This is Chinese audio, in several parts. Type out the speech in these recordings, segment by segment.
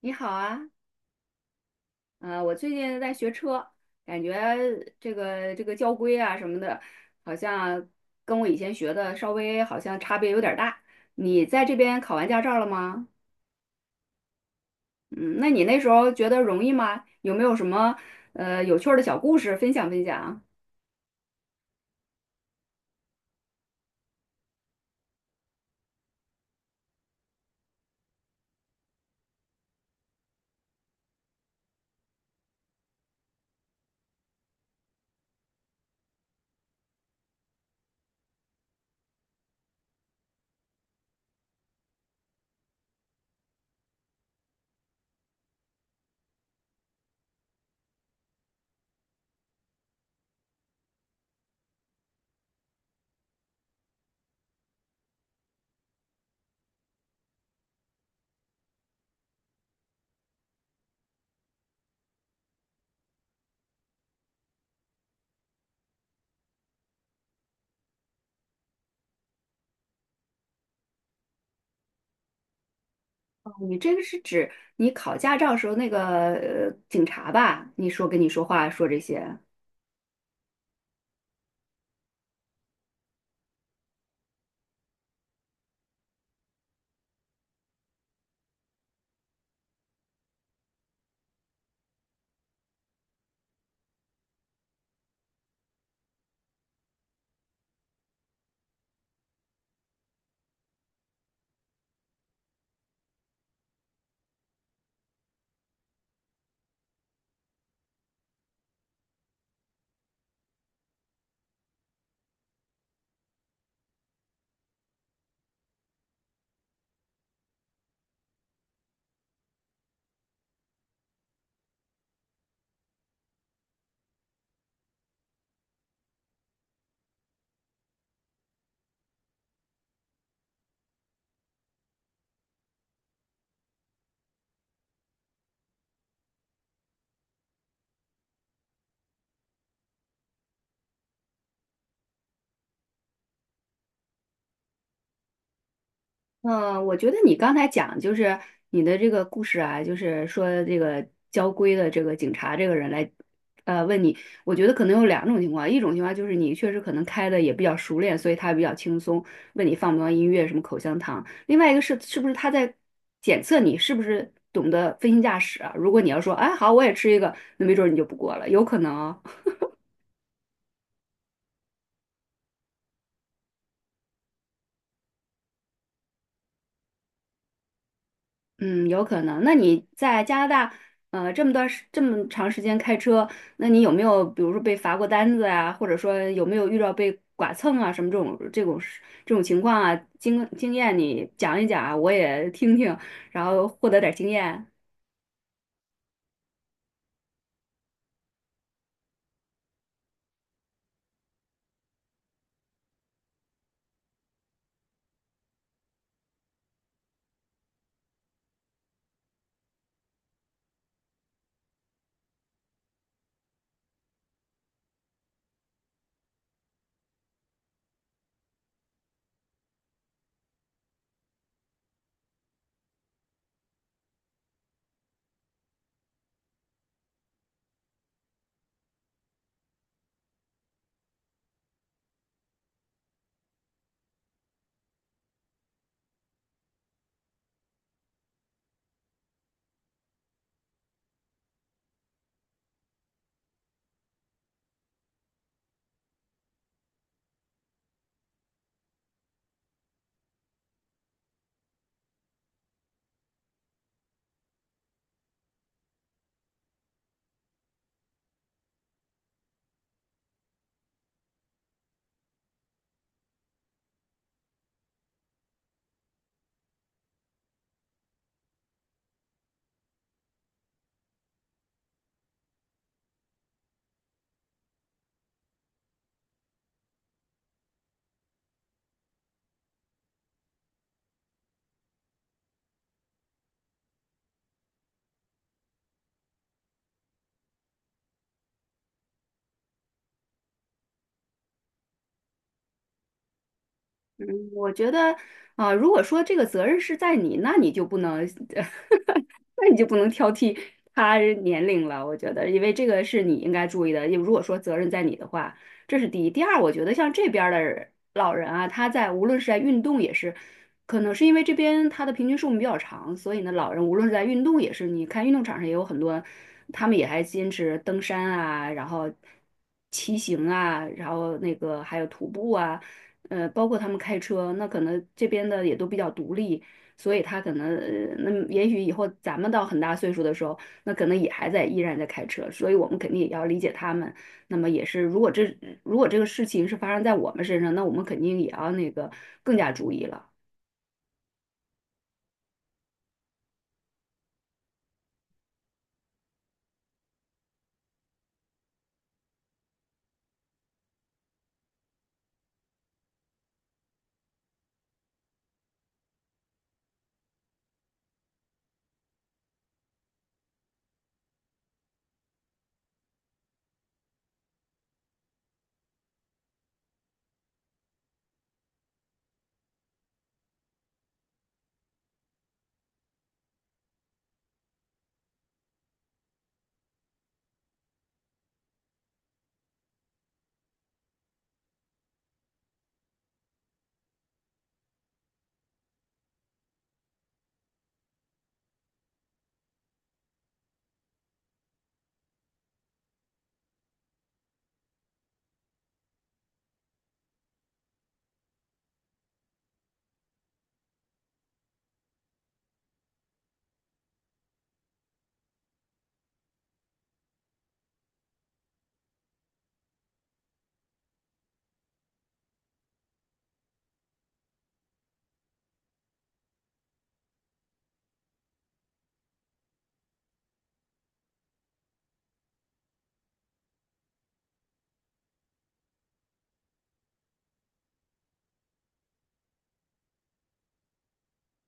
你好啊，我最近在学车，感觉这个交规啊什么的，好像跟我以前学的稍微好像差别有点儿大。你在这边考完驾照了吗？嗯，那你那时候觉得容易吗？有没有什么有趣儿的小故事分享分享？你这个是指你考驾照时候那个警察吧？你说跟你说话说这些。嗯，我觉得你刚才讲就是你的这个故事啊，就是说这个交规的这个警察这个人来，问你，我觉得可能有两种情况，一种情况就是你确实可能开的也比较熟练，所以他比较轻松，问你放不放音乐，什么口香糖；另外一个是是不是他在检测你是不是懂得飞行驾驶啊？如果你要说，哎，好，我也吃一个，那没准儿你就不过了，有可能哦。嗯，有可能。那你在加拿大，这么长时间开车，那你有没有，比如说被罚过单子啊，或者说有没有遇到被剐蹭啊，什么这种事这种情况啊？经验你讲一讲啊我也听听，然后获得点儿经验。我觉得，啊、如果说这个责任是在你，那你就不能呃那你就不能挑剔他人年龄了，我觉得，因为这个是你应该注意的。因为如果说责任在你的话，这是第一。第二，我觉得像这边儿的老人啊，他在无论是在运动也是，可能是因为这边他的平均寿命比较长，所以呢，老人无论是在运动也是，你看运动场上也有很多，他们也还坚持登山啊，然后骑行啊，然后那个还有徒步啊，包括他们开车，那可能这边的也都比较独立。所以他可能，呃那么也许以后咱们到很大岁数的时候，那可能也还在依然在开车，所以我们肯定也要理解他们。那么也是，如果这个事情是发生在我们身上，那我们肯定也要那个更加注意了。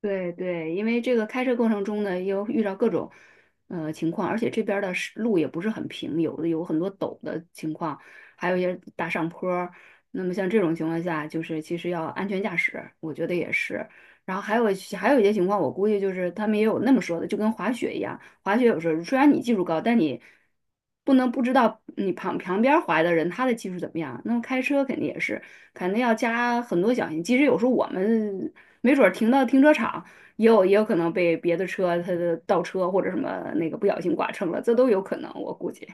对对，因为这个开车过程中呢，又遇到各种情况，而且这边儿的是路也不是很平，有的有很多陡的情况，还有一些大上坡儿。那么像这种情况下，就是其实要安全驾驶，我觉得也是。然后还有一些情况，我估计就是他们也有那么说的，就跟滑雪一样，滑雪有时候虽然你技术高，但你不能不知道你旁边儿滑的人他的技术怎么样。那么开车肯定也是。肯定要加很多小心。即使有时候我们没准儿停到停车场，也有可能被别的车它的倒车或者什么那个不小心剐蹭了，这都有可能，我估计。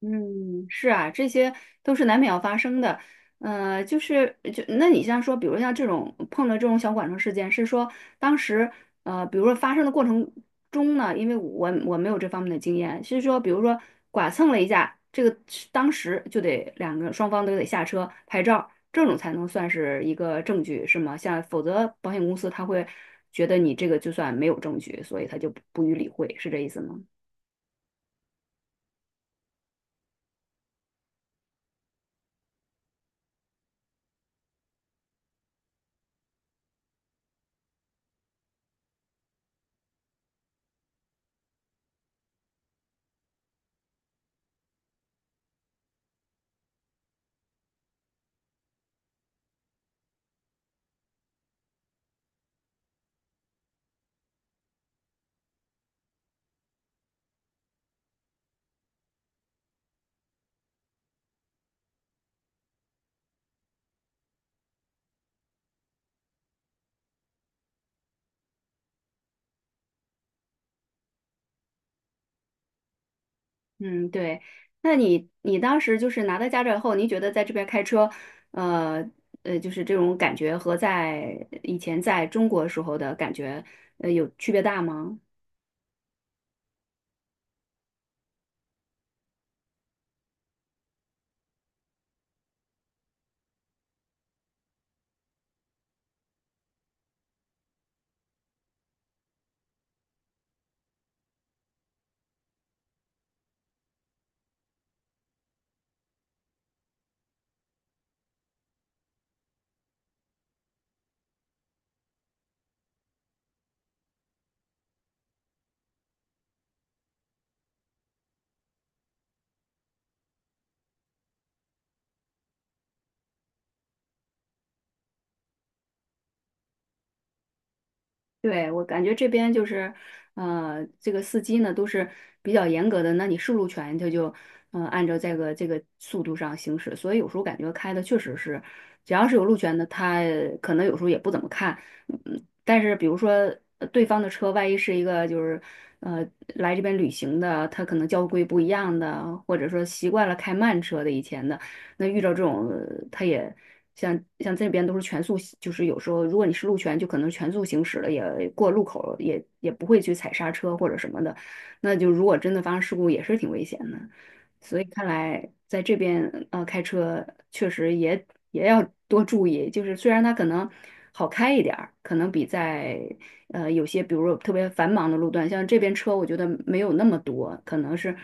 嗯，是啊，这些都是难免要发生的。就是你像说，比如像这种碰到这种小剐蹭事件，是说当时比如说发生的过程中呢，因为我没有这方面的经验，是说比如说剐蹭了一下，这个是当时就得两个双方都得下车拍照，这种才能算是一个证据，是吗？像否则保险公司他会觉得你这个就算没有证据，所以他就不予理会，是这意思吗？嗯，对。那你当时就是拿到驾照以后，您觉得在这边开车，呃就是这种感觉和在以前在中国时候的感觉，有区别大吗？对，我感觉这边就是，这个司机呢都是比较严格的，那你是路权他就，按照这个速度上行驶，所以有时候感觉开的确实是，只要是有路权的，他可能有时候也不怎么看，嗯，但是比如说对方的车，万一是一个就是，呃，来这边旅行的，他可能交规不一样的，或者说习惯了开慢车的以前的，那遇到这种他也。像这边都是全速就是有时候如果你是路权，就可能全速行驶了，也过路口了也不会去踩刹车或者什么的。那就如果真的发生事故，也是挺危险的。所以看来在这边开车确实也要多注意，就是虽然它可能好开一点儿，可能比在有些比如说特别繁忙的路段，像这边车我觉得没有那么多，可能是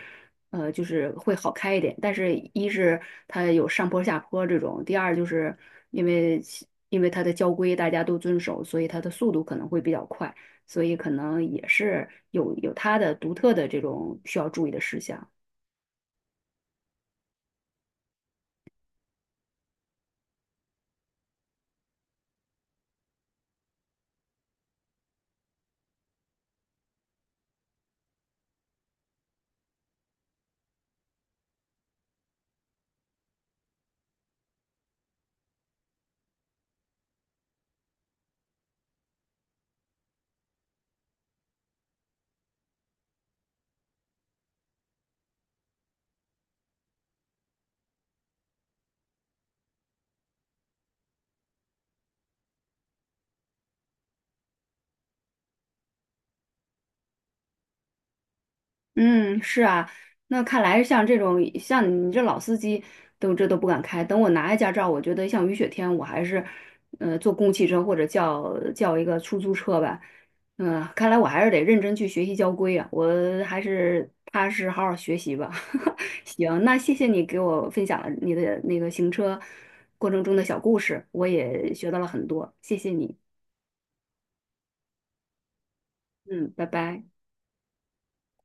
就是会好开一点。但是，一是它有上坡下坡这种，第二就是因为因为它的交规大家都遵守，所以它的速度可能会比较快，所以可能也是有它的独特的这种需要注意的事项。嗯，是啊，那看来像这种像你这老司机都不敢开。等我拿下驾照，我觉得像雨雪天，我还是，坐公共汽车或者叫一个出租车吧。嗯、看来我还是得认真去学习交规啊，我还是踏实好好学习吧。行，那谢谢你给我分享了你的那个行车过程中的小故事，我也学到了很多，谢谢你。嗯，拜拜。